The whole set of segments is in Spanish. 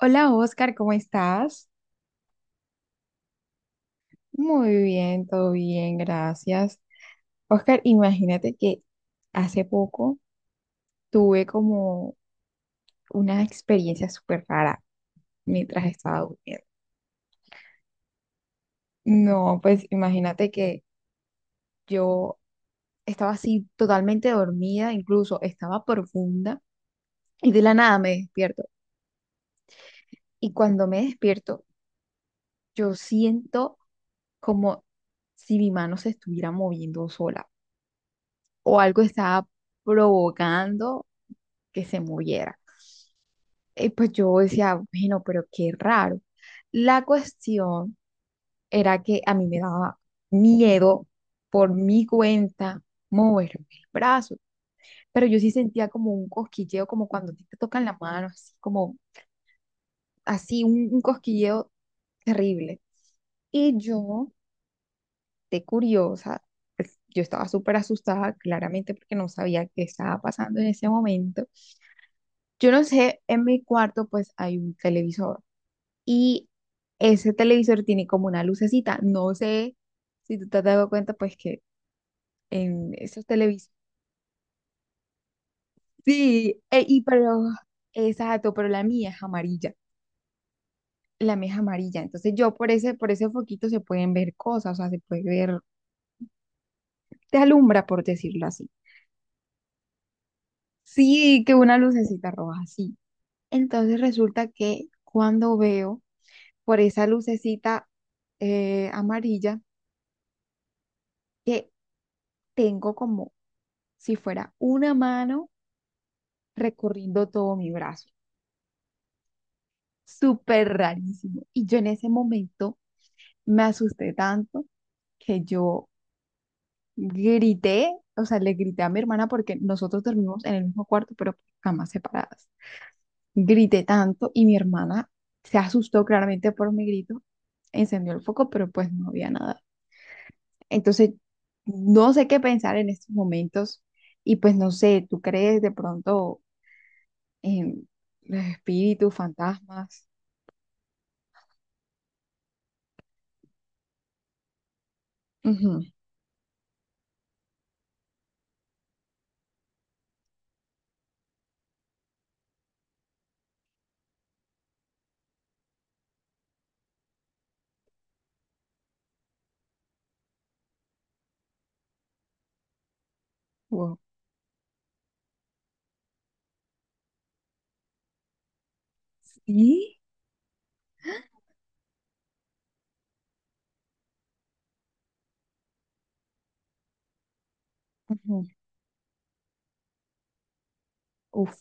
Hola Oscar, ¿cómo estás? Muy bien, todo bien, gracias. Oscar, imagínate que hace poco tuve como una experiencia súper rara mientras estaba durmiendo. No, pues imagínate que yo estaba así totalmente dormida, incluso estaba profunda y de la nada me despierto. Y cuando me despierto, yo siento como si mi mano se estuviera moviendo sola. O algo estaba provocando que se moviera. Y pues yo decía, bueno, pero qué raro. La cuestión era que a mí me daba miedo por mi cuenta moverme el brazo, pero yo sí sentía como un cosquilleo, como cuando a ti te tocan la mano, así como así, un cosquilleo terrible. Y yo, de curiosa, pues, yo estaba súper asustada, claramente porque no sabía qué estaba pasando en ese momento. Yo no sé, en mi cuarto pues hay un televisor y ese televisor tiene como una lucecita. No sé si tú te has dado cuenta pues que en esos televisores... Sí, y pero... Exacto, pero la mía es amarilla. La mía es amarilla. Entonces yo por por ese foquito se pueden ver cosas, o sea, se puede ver, te alumbra por decirlo así. Sí, que una lucecita roja, sí. Entonces resulta que cuando veo por esa lucecita amarilla, que tengo como si fuera una mano recorriendo todo mi brazo. Súper rarísimo. Y yo en ese momento me asusté tanto que yo grité, o sea, le grité a mi hermana porque nosotros dormimos en el mismo cuarto, pero por camas separadas. Grité tanto y mi hermana se asustó claramente por mi grito, encendió el foco, pero pues no había nada. Entonces, no sé qué pensar en estos momentos y pues no sé, ¿tú crees de pronto? em, los espíritus, fantasmas. Ujú. Wow. ¿Sí? Ujú. Uf.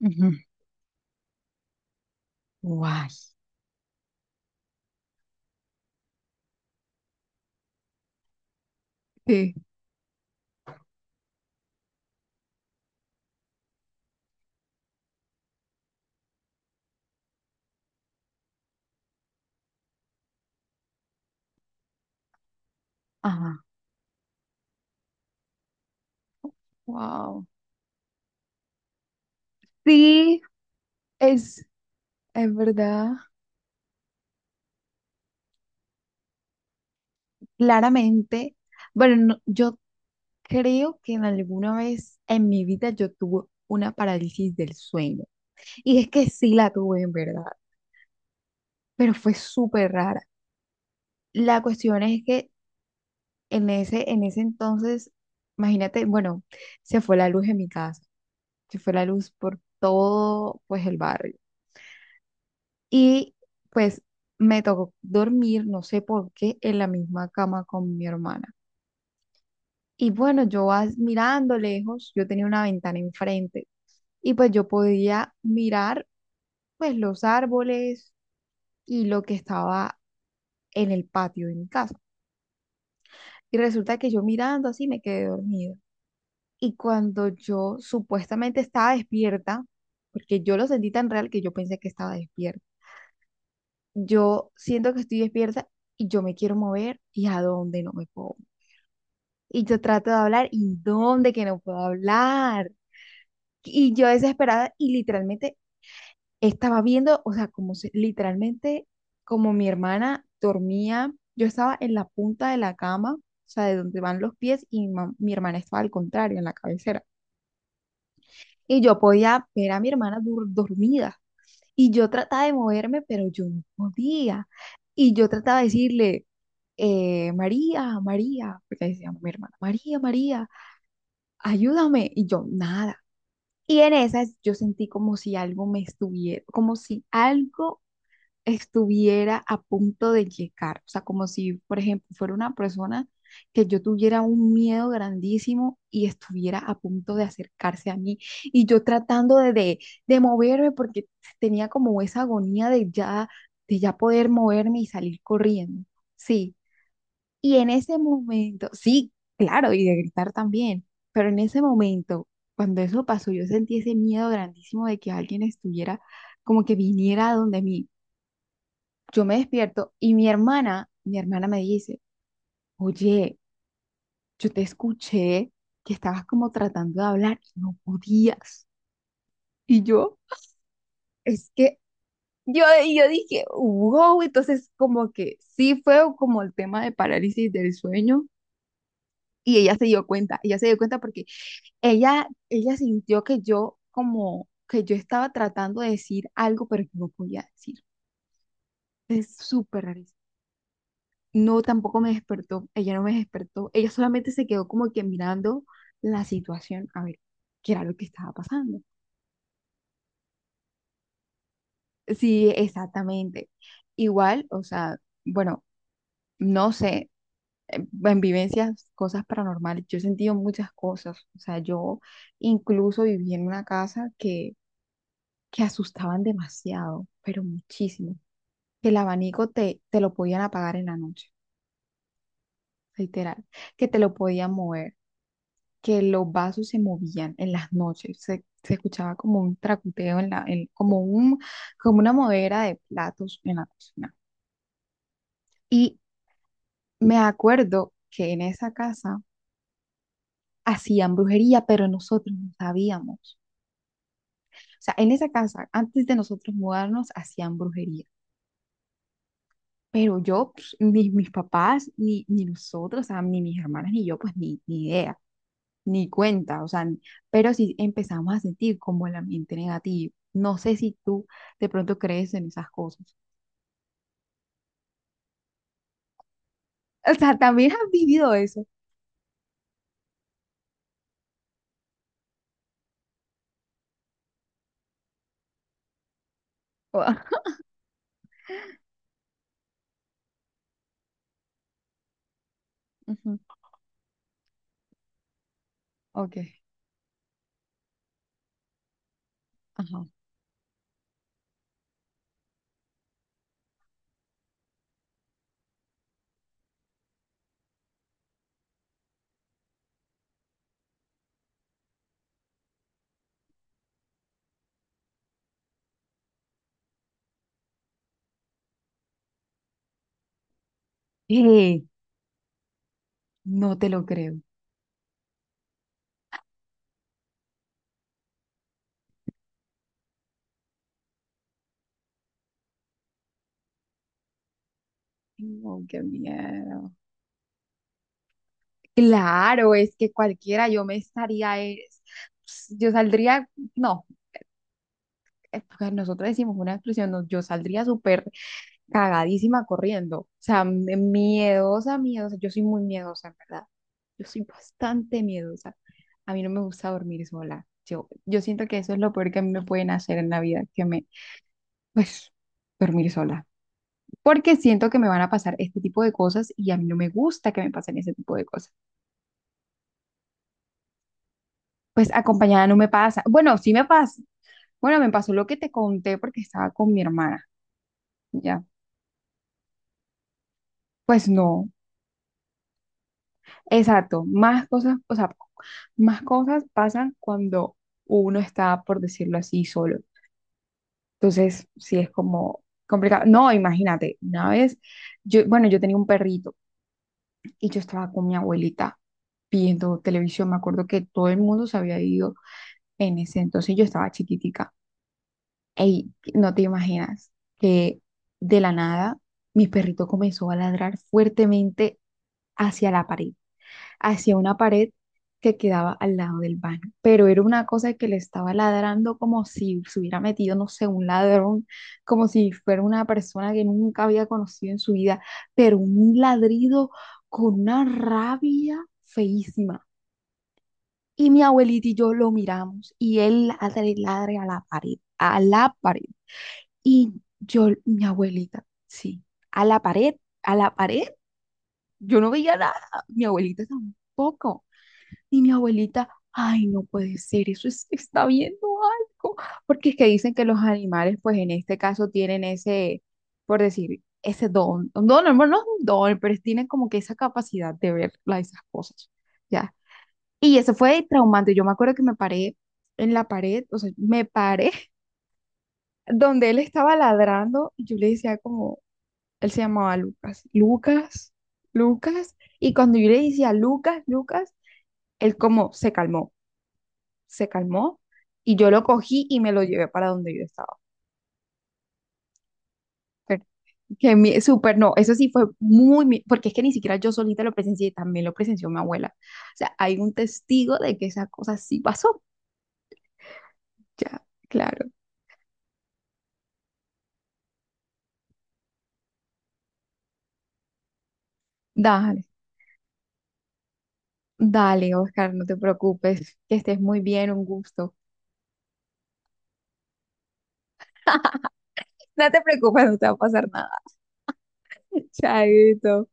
Ujú. Guay. Sí. Ajá. Wow. Sí, es, es verdad. Claramente. Bueno, yo creo que en alguna vez en mi vida yo tuve una parálisis del sueño. Y es que sí la tuve en verdad, pero fue súper rara. La cuestión es que en en ese entonces, imagínate, bueno, se fue la luz en mi casa. Se fue la luz por todo, pues, el barrio. Y, pues, me tocó dormir, no sé por qué, en la misma cama con mi hermana. Y bueno, yo mirando lejos, yo tenía una ventana enfrente y pues yo podía mirar pues los árboles y lo que estaba en el patio de mi casa. Y resulta que yo mirando así me quedé dormida. Y cuando yo supuestamente estaba despierta, porque yo lo sentí tan real que yo pensé que estaba despierta, yo siento que estoy despierta y yo me quiero mover y a dónde no me puedo. Y yo trato de hablar y dónde que no puedo hablar. Y yo desesperada y literalmente estaba viendo, o sea, literalmente como mi hermana dormía, yo estaba en la punta de la cama, o sea, de donde van los pies y mi hermana estaba al contrario, en la cabecera. Y yo podía ver a mi hermana dormida. Y yo trataba de moverme, pero yo no podía. Y yo trataba de decirle, María, María, porque ahí se llama mi hermana, María, María, ayúdame. Y yo, nada. Y en esas yo sentí como si algo me estuviera, como si algo estuviera a punto de llegar. O sea, como si, por ejemplo, fuera una persona que yo tuviera un miedo grandísimo y estuviera a punto de acercarse a mí. Y yo tratando de moverme porque tenía como esa agonía de ya poder moverme y salir corriendo. Sí. Y en ese momento, sí, claro, y de gritar también, pero en ese momento, cuando eso pasó, yo sentí ese miedo grandísimo de que alguien estuviera, como que viniera a donde mí. Yo me despierto y mi hermana me dice, oye, yo te escuché que estabas como tratando de hablar y no podías. Y yo, es que yo, y yo dije, wow, entonces como que sí fue como el tema de parálisis del sueño. Y ella se dio cuenta, ella se dio cuenta porque ella sintió que yo como que yo estaba tratando de decir algo, pero yo no podía decir. Es súper raro. No, tampoco me despertó. Ella no me despertó. Ella solamente se quedó como que mirando la situación a ver qué era lo que estaba pasando. Sí, exactamente. Igual, o sea, bueno, no sé, en vivencias, cosas paranormales, yo he sentido muchas cosas. O sea, yo incluso viví en una casa que asustaban demasiado, pero muchísimo. Que el abanico te lo podían apagar en la noche, literal, que te lo podían mover, que los vasos se movían en las noches, se escuchaba como un tracuteo en como como una movera de platos en la cocina. Y me acuerdo que en esa casa hacían brujería, pero nosotros no sabíamos. O sea, en esa casa, antes de nosotros mudarnos, hacían brujería. Pero yo, pues, ni mis papás, ni nosotros, o sea, ni mis hermanas, ni yo, pues ni idea. Ni cuenta, o sea, pero sí empezamos a sentir como el ambiente negativo. No sé si tú de pronto crees en esas cosas. O sea, también has vivido eso. Ujú. Ok, ajá. Eh, no te lo creo. No, qué miedo. Claro, es que cualquiera, yo me estaría, yo saldría, no, porque nosotros decimos una expresión, no, yo saldría súper cagadísima corriendo. O sea, miedosa, miedosa. Yo soy muy miedosa, en verdad. Yo soy bastante miedosa. A mí no me gusta dormir sola. Yo siento que eso es lo peor que a mí me pueden hacer en la vida, que me, pues, dormir sola. Porque siento que me van a pasar este tipo de cosas y a mí no me gusta que me pasen ese tipo de cosas. Pues acompañada no me pasa. Bueno, sí me pasa. Bueno, me pasó lo que te conté porque estaba con mi hermana, ¿ya? Pues no. Exacto, más cosas, o sea, más cosas pasan cuando uno está, por decirlo así, solo. Entonces, sí es como complicado. No, imagínate, una vez, yo, bueno, yo tenía un perrito y yo estaba con mi abuelita viendo televisión. Me acuerdo que todo el mundo se había ido en ese entonces, yo estaba chiquitica. Ey, no te imaginas que de la nada mi perrito comenzó a ladrar fuertemente hacia la pared. Hacia una pared que quedaba al lado del baño, pero era una cosa que le estaba ladrando como si se hubiera metido, no sé, un ladrón, como si fuera una persona que nunca había conocido en su vida, pero un ladrido con una rabia feísima. Y mi abuelita y yo lo miramos y él ladre, ladre a la pared, a la pared. Y yo, mi abuelita, sí, a la pared, a la pared. Yo no veía nada, mi abuelita tampoco. Y mi abuelita, ay, no puede ser, está viendo algo, porque es que dicen que los animales, pues en este caso, tienen ese, por decir, ese don, un don, hermano, no es un don, pero tienen como que esa capacidad de ver esas cosas, ¿ya? Y eso fue traumante, yo me acuerdo que me paré en la pared, o sea, me paré donde él estaba ladrando, y yo le decía como, él se llamaba Lucas, Lucas, Lucas, y cuando yo le decía Lucas, Lucas, él como se calmó. Se calmó y yo lo cogí y me lo llevé para donde yo estaba. Pero, que mi, súper, no, eso sí fue muy, porque es que ni siquiera yo solita lo presencié, también lo presenció mi abuela. O sea, hay un testigo de que esa cosa sí pasó. Ya, claro. Dale, dale, Oscar, no te preocupes, que estés muy bien, un gusto. No te preocupes, no te va a pasar nada. Chaito.